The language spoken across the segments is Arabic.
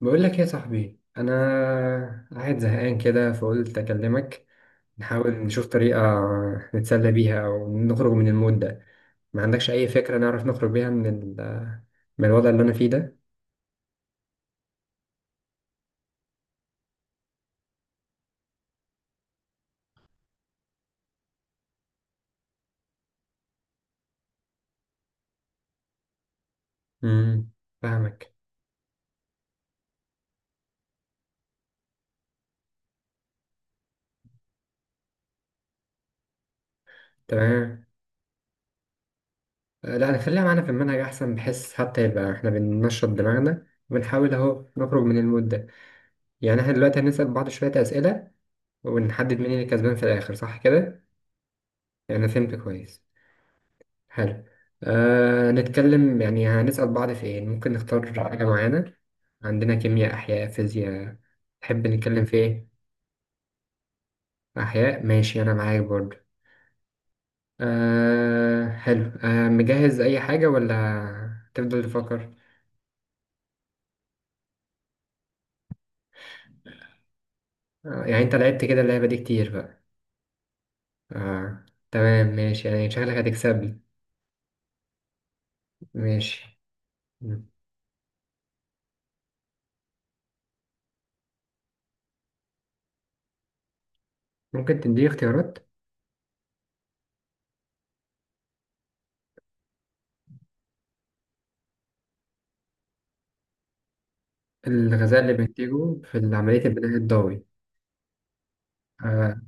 بقول لك يا صاحبي، انا قاعد زهقان كده فقلت اكلمك. نحاول نشوف طريقه نتسلى بيها او نخرج من المود ده. ما عندكش اي فكره نعرف نخرج بيها من من الوضع اللي انا فيه ده؟ امم فاهمك. تمام. لا، نخليها معانا في المنهج احسن، بحيث حتى يبقى احنا بننشط دماغنا وبنحاول اهو نخرج من المود ده. يعني احنا دلوقتي هنسال بعض شويه اسئله ونحدد مين اللي كسبان في الاخر، صح كده؟ يعني أنا فهمت كويس. حلو. أه نتكلم، يعني هنسأل بعض في ايه؟ ممكن نختار حاجة معينة. عندنا كيمياء، أحياء، فيزياء. تحب نتكلم في ايه؟ أحياء ماشي، أنا معاك برضو. أه حلو، أه مجهز أي حاجة ولا تفضل تفكر؟ أه يعني أنت لعبت كده اللعبة دي كتير بقى؟ أه. تمام ماشي، يعني شكلك هتكسبني. ماشي. مم. ممكن تديني اختيارات؟ الغذاء اللي بنتجه في عملية البناء الضوئي؟ آه،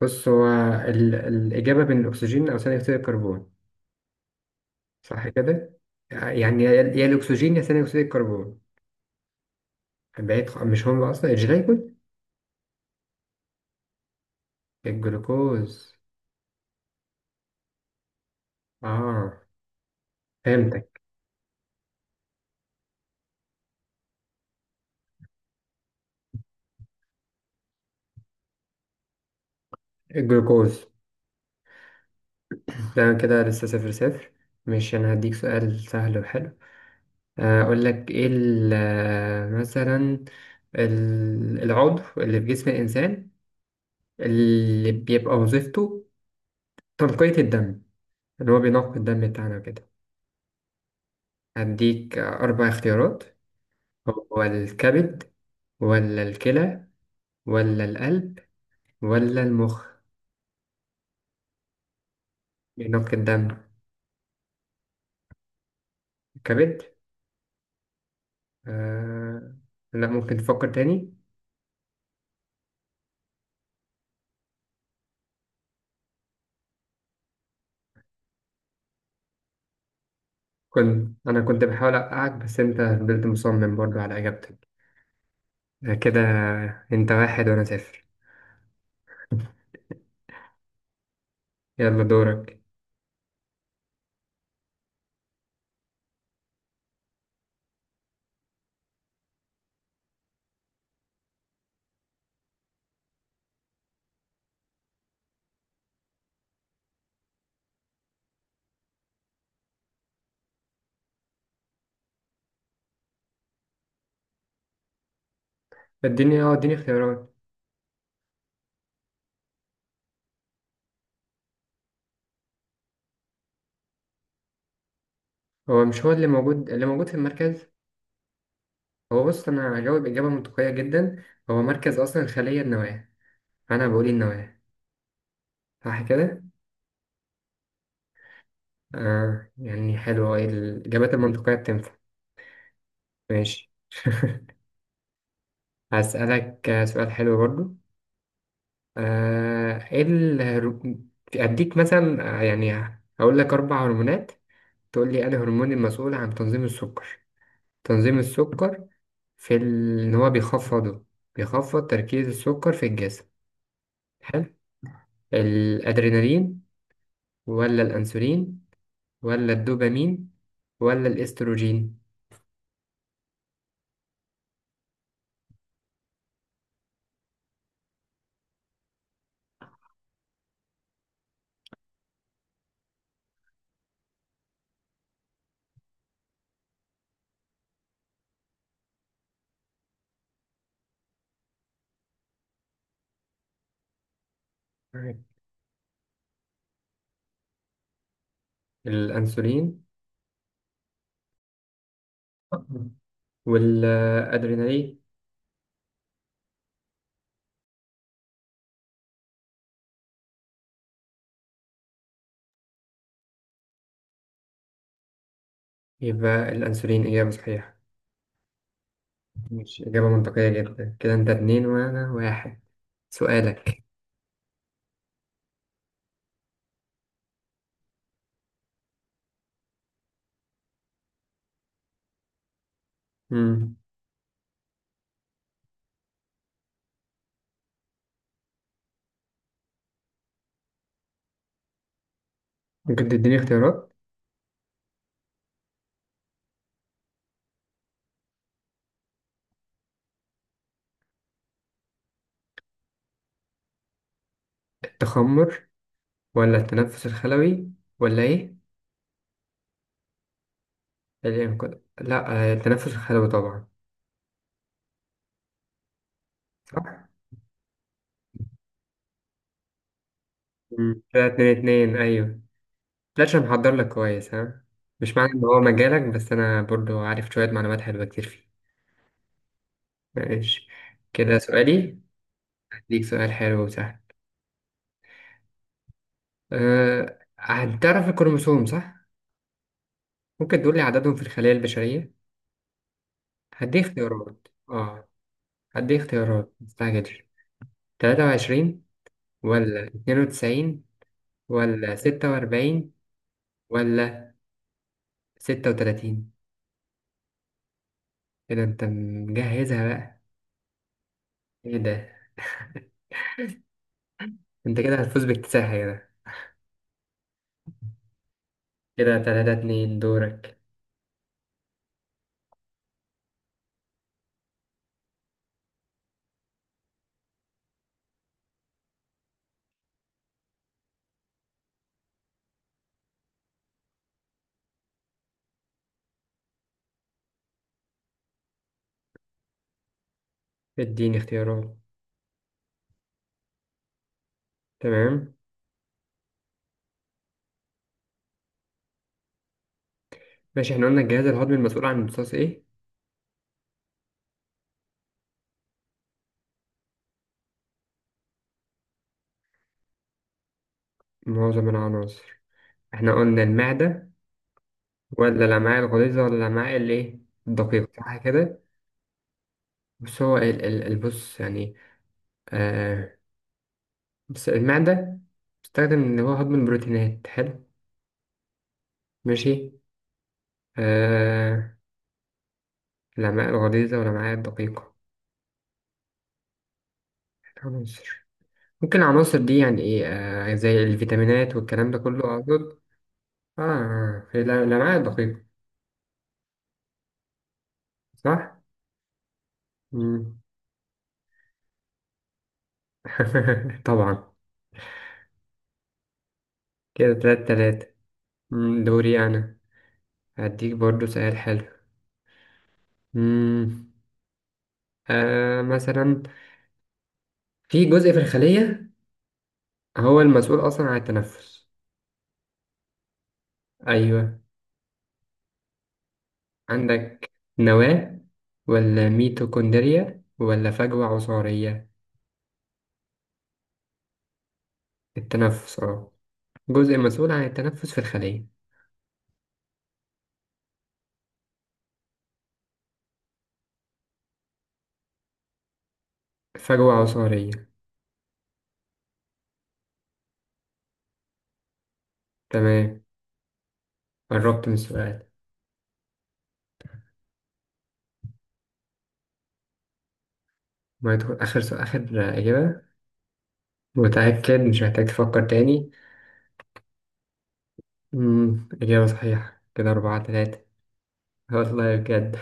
بص هو الإجابة بين الأكسجين أو ثاني أكسيد الكربون. صح كده؟ يعني يا الأكسجين يا ثاني أكسيد الكربون. بعيد، مش هم أصلا الجليكوز؟ الجلوكوز. آه، فهمتك. الجلوكوز. ده كده لسه 0-0. مش أنا هديك سؤال سهل وحلو. أقول لك إيه مثلا العضو اللي في جسم الإنسان اللي بيبقى وظيفته تنقية الدم، اللي هو بينقي الدم بتاعنا كده. هديك 4 اختيارات. هو الكبد ولا الكلى ولا القلب ولا المخ؟ بينق الدم. الكبد؟ آه... لا، ممكن تفكر تاني. كنت أنا كنت بحاول أوقعك بس أنت فضلت مصمم برضو على إجابتك. آه كده، أنت واحد وأنا صفر. يلا دورك. اديني اه اختيارات. هو مش هو اللي موجود في المركز؟ هو بص، أنا هجاوب إجابة منطقية جدا. هو مركز أصلا الخلية النواة. أنا بقول النواة. صح كده؟ آه يعني حلو، إيه الإجابات المنطقية بتنفع. ماشي. هسألك سؤال حلو برضو. آه إيه الهرو- أديك مثلا، يعني هقول لك 4 هرمونات، تقول لي أنا هرمون المسؤول عن تنظيم السكر، تنظيم السكر في إن هو بيخفضه، بيخفض تركيز السكر في الجسم. حلو. الأدرينالين ولا الأنسولين ولا الدوبامين ولا الإستروجين؟ الأنسولين والأدرينالين. يبقى الأنسولين إجابة صحيحة. مش إجابة منطقية جدا كده؟ أنت اتنين وأنا واحد. سؤالك. مم. ممكن تديني اختيارات؟ التخمر ولا التنفس الخلوي ولا إيه؟ الإنقاذ؟ لا، التنفس الخلوي طبعا. صح. مم. كده 2-2، أيوه. متقلقش، أنا محضر لك كويس ها. مش معنى إن هو مجالك، بس أنا برضو عارف شوية معلومات حلوة كتير فيه. ماشي. كده سؤالي. هديك سؤال حلو وسهل. أه... هتعرف الكروموسوم صح؟ ممكن تقول لي عددهم في الخلايا البشرية؟ هدي اختيارات اه، هدي اختيارات مستعجلش. 23 ولا 92 ولا 46 ولا 36؟ كده انت مجهزها بقى. ايه ده؟ انت كده هتفوز باكتساح كده. كده 3-2، دورك. اديني اختيارات. تمام. ماشي احنا قلنا الجهاز الهضمي المسؤول عن امتصاص ايه؟ معظم العناصر. احنا قلنا المعدة ولا الأمعاء الغليظة ولا الأمعاء الايه؟ الدقيقة، صح كده؟ بس هو البص يعني. آه، بس المعدة بتستخدم إن هو هضم البروتينات. حلو. ماشي. آه، الأمعاء الغليظة والأمعاء الدقيقة. العناصر، ممكن العناصر دي يعني إيه آه زي الفيتامينات والكلام ده كله أقصد. آه هي الأمعاء الدقيقة، صح؟ مم. طبعا. كده 3-3. مم، دوري أنا. هديك برضو سؤال حلو. مم. آه مثلا في جزء في الخلية هو المسؤول أصلا عن التنفس. أيوة. عندك نواة ولا ميتوكوندريا ولا فجوة عصارية؟ التنفس اه، جزء مسؤول عن التنفس في الخلية. فجوة عصارية. تمام، قربت من السؤال. ما يدخل آخر سؤال، آخر إجابة. متأكد مش محتاج تفكر تاني؟ مم. إجابة صحيحة. كده 4-3. والله بجد.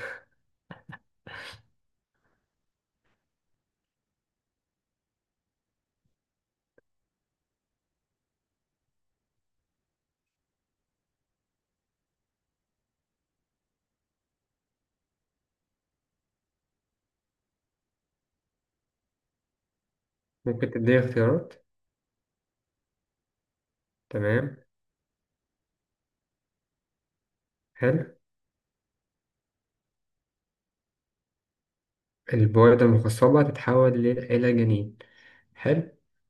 ممكن تديني اختيارات؟ تمام. حلو. البويضة المخصبة تتحول إلى جنين. حلو.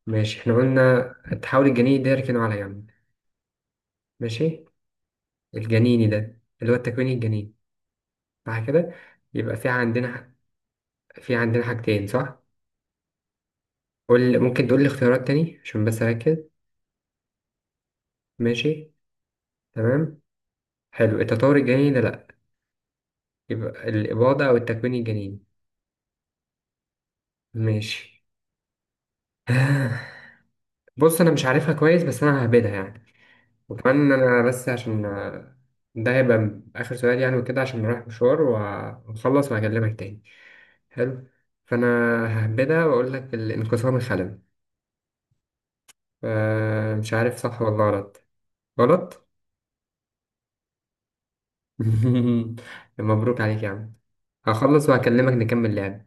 ماشي احنا قلنا تحاول الجنين ده يركنه على جنب. ماشي، الجنيني ده اللي هو التكوين الجنيني. صح كده. يبقى في عندنا حاجتين، صح؟ قول، ممكن تقول لي اختيارات تاني عشان بس اركز. ماشي. تمام، حلو. التطور الجنيني ده لا. يبقى الاباضه او التكوين الجنيني. ماشي. بص انا مش عارفها كويس بس انا ههبدها يعني. وكمان انا بس عشان، ده هيبقى اخر سؤال يعني وكده عشان رايح مشوار واخلص وهكلمك تاني. حلو. فانا ههبدها واقول لك الانقسام الخلوي. آه مش عارف صح ولا غلط. غلط. مبروك عليك يا عم. هخلص وهكلمك نكمل لعب